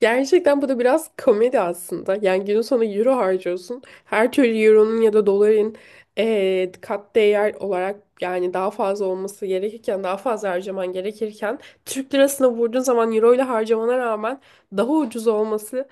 Gerçekten bu da biraz komedi aslında. Yani günün sonu euro harcıyorsun. Her türlü euronun ya da doların kat değer olarak, yani daha fazla olması gerekirken, daha fazla harcaman gerekirken Türk lirasına vurduğun zaman euro ile harcamana rağmen daha ucuz olması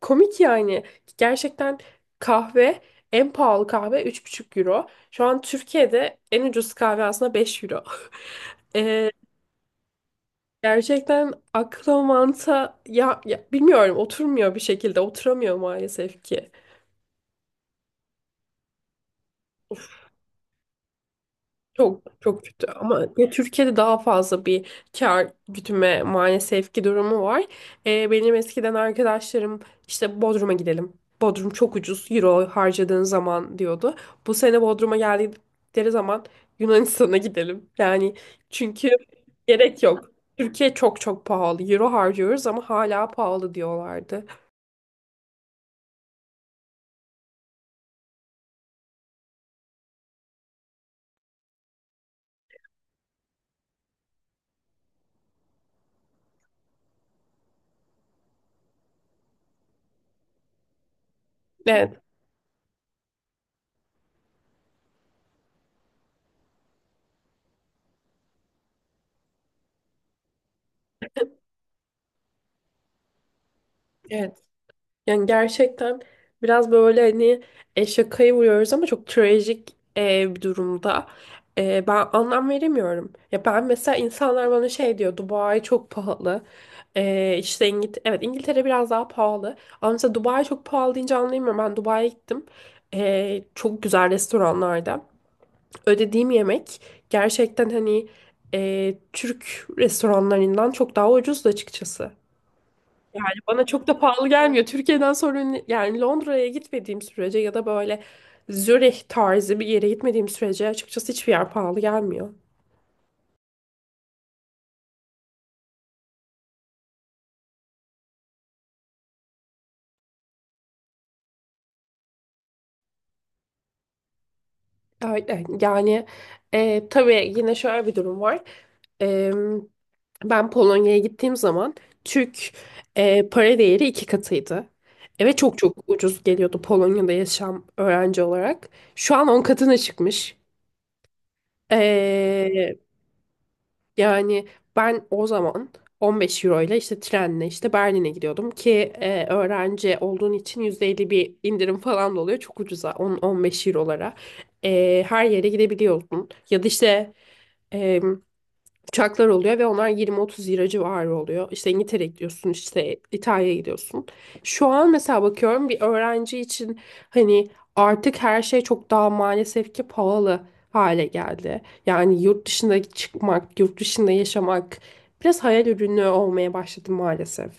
komik yani. Gerçekten kahve, en pahalı kahve 3,5 euro. Şu an Türkiye'de en ucuz kahve aslında 5 euro. Gerçekten akla mantığa, ya bilmiyorum, oturmuyor bir şekilde, oturamıyor maalesef ki. Of, çok çok kötü ama ya Türkiye'de daha fazla bir kar gütme maalesef ki durumu var. Benim eskiden arkadaşlarım işte Bodrum'a gidelim, Bodrum çok ucuz euro harcadığın zaman diyordu. Bu sene Bodrum'a geldikleri zaman Yunanistan'a gidelim, yani çünkü gerek yok. Türkiye çok çok pahalı, euro harcıyoruz ama hala pahalı diyorlardı. Evet. Evet. Yani gerçekten biraz böyle hani şakayı vuruyoruz ama çok trajik bir durumda. Ben anlam veremiyorum. Ya ben mesela, insanlar bana şey diyor, Dubai çok pahalı. İşte evet, İngiltere biraz daha pahalı. Ama mesela Dubai çok pahalı deyince anlayamıyorum. Ben Dubai'ye gittim. Çok güzel restoranlarda ödediğim yemek gerçekten hani Türk restoranlarından çok daha ucuzdu açıkçası. Bana çok da pahalı gelmiyor Türkiye'den sonra. Yani Londra'ya gitmediğim sürece ya da böyle Zürih tarzı bir yere gitmediğim sürece açıkçası hiçbir yer pahalı gelmiyor. Öyle. Yani tabii yine şöyle bir durum var. E, ben Polonya'ya gittiğim zaman Türk para değeri 2 katıydı. Evet, çok çok ucuz geliyordu Polonya'da yaşam, öğrenci olarak. Şu an 10 katına çıkmış. E, Yani ben o zaman 15 euro ile işte trenle işte Berlin'e gidiyordum ki öğrenci olduğun için %50 bir indirim falan da oluyor. Çok ucuza 10-15 eurolara her yere gidebiliyorsun. Ya da işte uçaklar oluyor ve onlar 20-30 lira civarı oluyor. İşte İngiltere'ye gidiyorsun, işte İtalya'ya gidiyorsun. Şu an mesela bakıyorum, bir öğrenci için hani artık her şey çok daha maalesef ki pahalı hale geldi. Yani yurt dışında çıkmak, yurt dışında yaşamak biraz hayal ürünü olmaya başladı maalesef.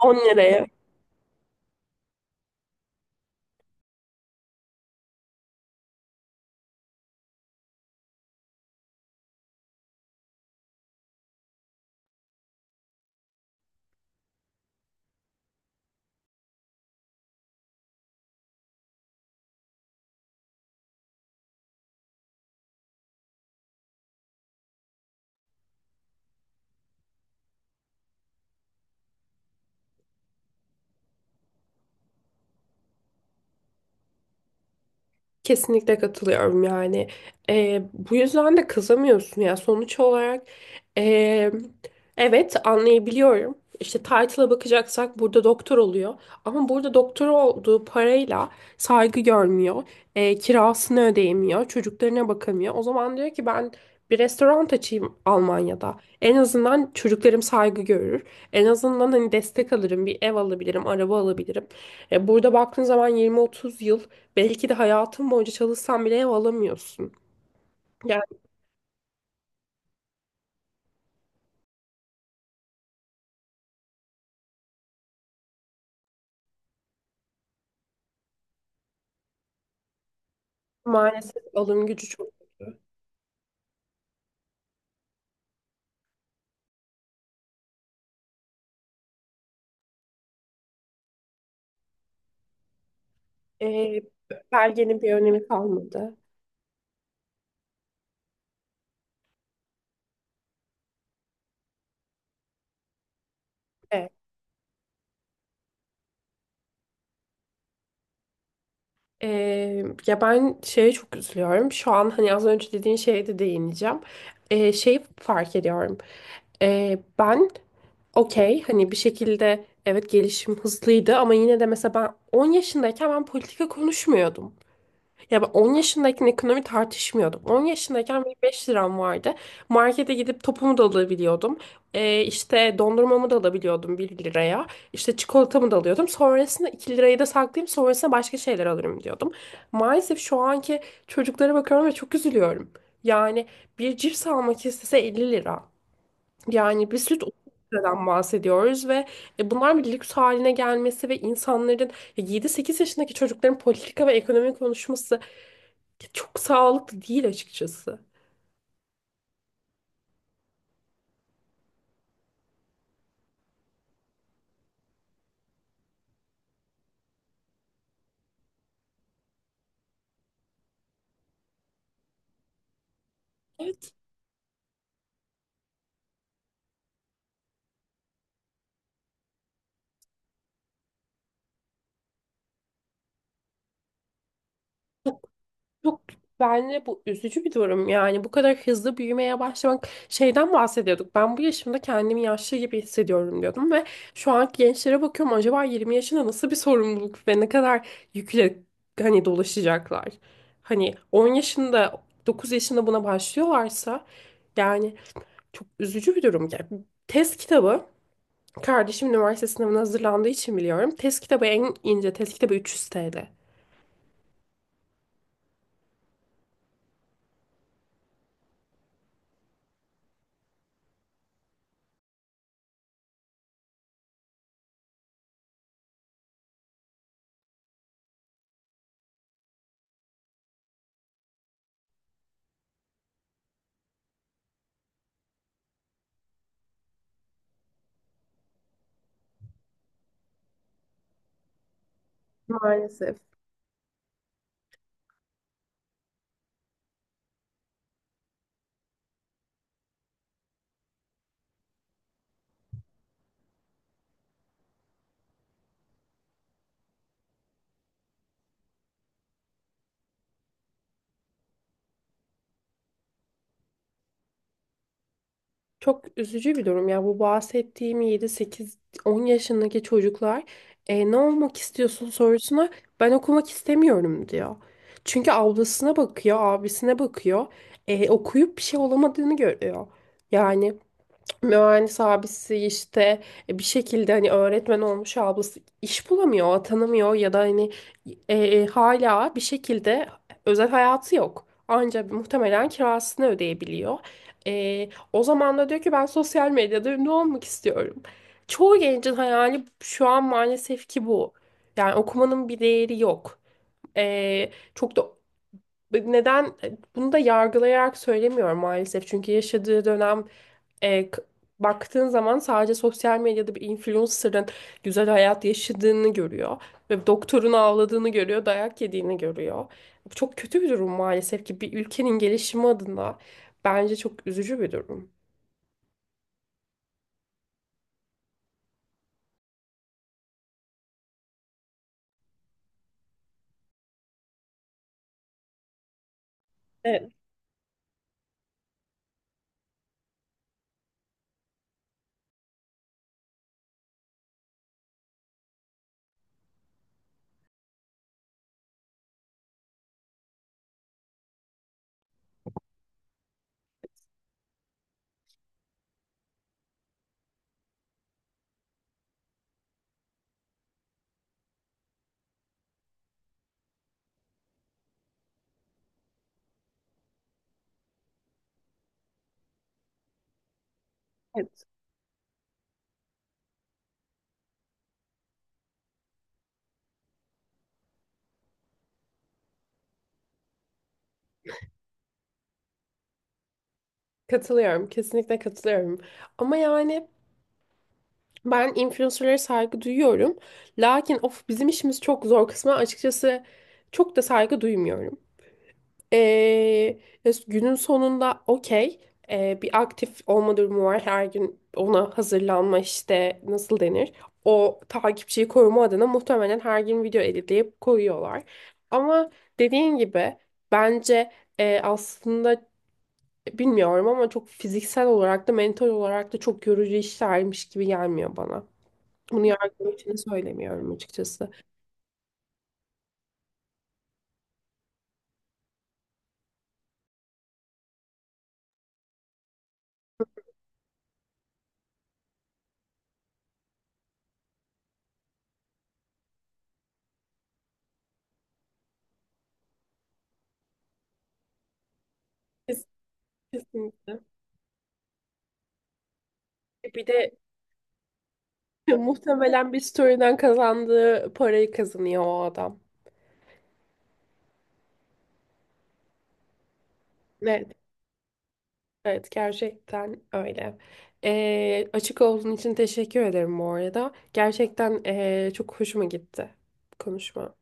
On liraya. Kesinlikle katılıyorum yani. Bu yüzden de kızamıyorsun ya. Sonuç olarak ee, evet, anlayabiliyorum. İşte title'a bakacaksak burada doktor oluyor. Ama burada doktor olduğu parayla saygı görmüyor. Kirasını ödeyemiyor, çocuklarına bakamıyor. O zaman diyor ki, ben bir restoran açayım Almanya'da. En azından çocuklarım saygı görür. En azından hani destek alırım, bir ev alabilirim, araba alabilirim. Burada baktığın zaman 20-30 yıl, belki de hayatın boyunca çalışsan bile ev alamıyorsun. Yani maalesef alım gücü çok kötü. Ee, belgenin bir önemi kalmadı. Evet. Ya ben şeye çok üzülüyorum. Şu an hani az önce dediğin şeye de değineceğim. Şeyi fark ediyorum. Ben okey hani bir şekilde, evet, gelişim hızlıydı ama yine de mesela ben 10 yaşındayken ben politika konuşmuyordum. Ya ben 10 yaşındayken ekonomi tartışmıyordum. 10 yaşındayken benim 5 liram vardı. Markete gidip topumu da alabiliyordum. İşte dondurmamı da alabiliyordum 1 liraya. İşte çikolatamı da alıyordum. Sonrasında 2 lirayı da saklayayım, sonrasında başka şeyler alırım diyordum. Maalesef şu anki çocuklara bakıyorum ve çok üzülüyorum. Yani bir cips almak istese 50 lira. Yani bir süt 30 liradan bahsediyoruz ve bunlar bir lüks haline gelmesi ve insanların, ya 7-8 yaşındaki çocukların politika ve ekonomi konuşması çok sağlıklı değil açıkçası. Evet. Çok, bence bu üzücü bir durum. Yani bu kadar hızlı büyümeye başlamak, şeyden bahsediyorduk, ben bu yaşımda kendimi yaşlı gibi hissediyorum diyordum ve şu anki gençlere bakıyorum, acaba 20 yaşında nasıl bir sorumluluk ve ne kadar yükle hani dolaşacaklar. Hani 10 yaşında 9 yaşında buna başlıyorlarsa, yani çok üzücü bir durum. Yani test kitabı, kardeşim üniversite sınavına hazırlandığı için biliyorum, test kitabı, en ince test kitabı 300 TL. Maalesef. Çok üzücü bir durum ya. Bu bahsettiğim 7 8 10 yaşındaki çocuklar, ne olmak istiyorsun?" sorusuna, "ben okumak istemiyorum" diyor. Çünkü ablasına bakıyor, abisine bakıyor. Okuyup bir şey olamadığını görüyor. Yani mühendis abisi işte bir şekilde, hani öğretmen olmuş ablası iş bulamıyor, atanamıyor ya da hani hala bir şekilde özel hayatı yok, ancak muhtemelen kirasını ödeyebiliyor. O zaman da diyor ki, ben sosyal medyada ünlü olmak istiyorum. Çoğu gencin hayali şu an maalesef ki bu. Yani okumanın bir değeri yok. Çok da neden, bunu da yargılayarak söylemiyorum maalesef. Çünkü yaşadığı dönem e, k- baktığın zaman sadece sosyal medyada bir influencer'ın güzel hayat yaşadığını görüyor ve doktorun ağladığını görüyor, dayak yediğini görüyor. Bu çok kötü bir durum maalesef ki, bir ülkenin gelişimi adına bence çok üzücü bir durum. Evet, evet. Katılıyorum, kesinlikle katılıyorum. Ama yani ben influencer'lara saygı duyuyorum. Lakin, of, bizim işimiz çok zor kısmı açıkçası, çok da saygı duymuyorum. Ee, ya günün sonunda okey, bir aktif olma durumu var. Her gün ona hazırlanma, işte nasıl denir, o takipçiyi koruma adına muhtemelen her gün video editleyip koyuyorlar. Ama dediğin gibi bence aslında bilmiyorum ama çok fiziksel olarak da mental olarak da çok yorucu işlermiş gibi gelmiyor bana. Bunu yargılamak için söylemiyorum açıkçası. Kes- Kesinlikle. Bir de muhtemelen bir story'den kazandığı parayı kazanıyor o adam. Evet, evet, gerçekten öyle. Açık olduğun için teşekkür ederim bu arada. Gerçekten çok hoşuma gitti konuşma.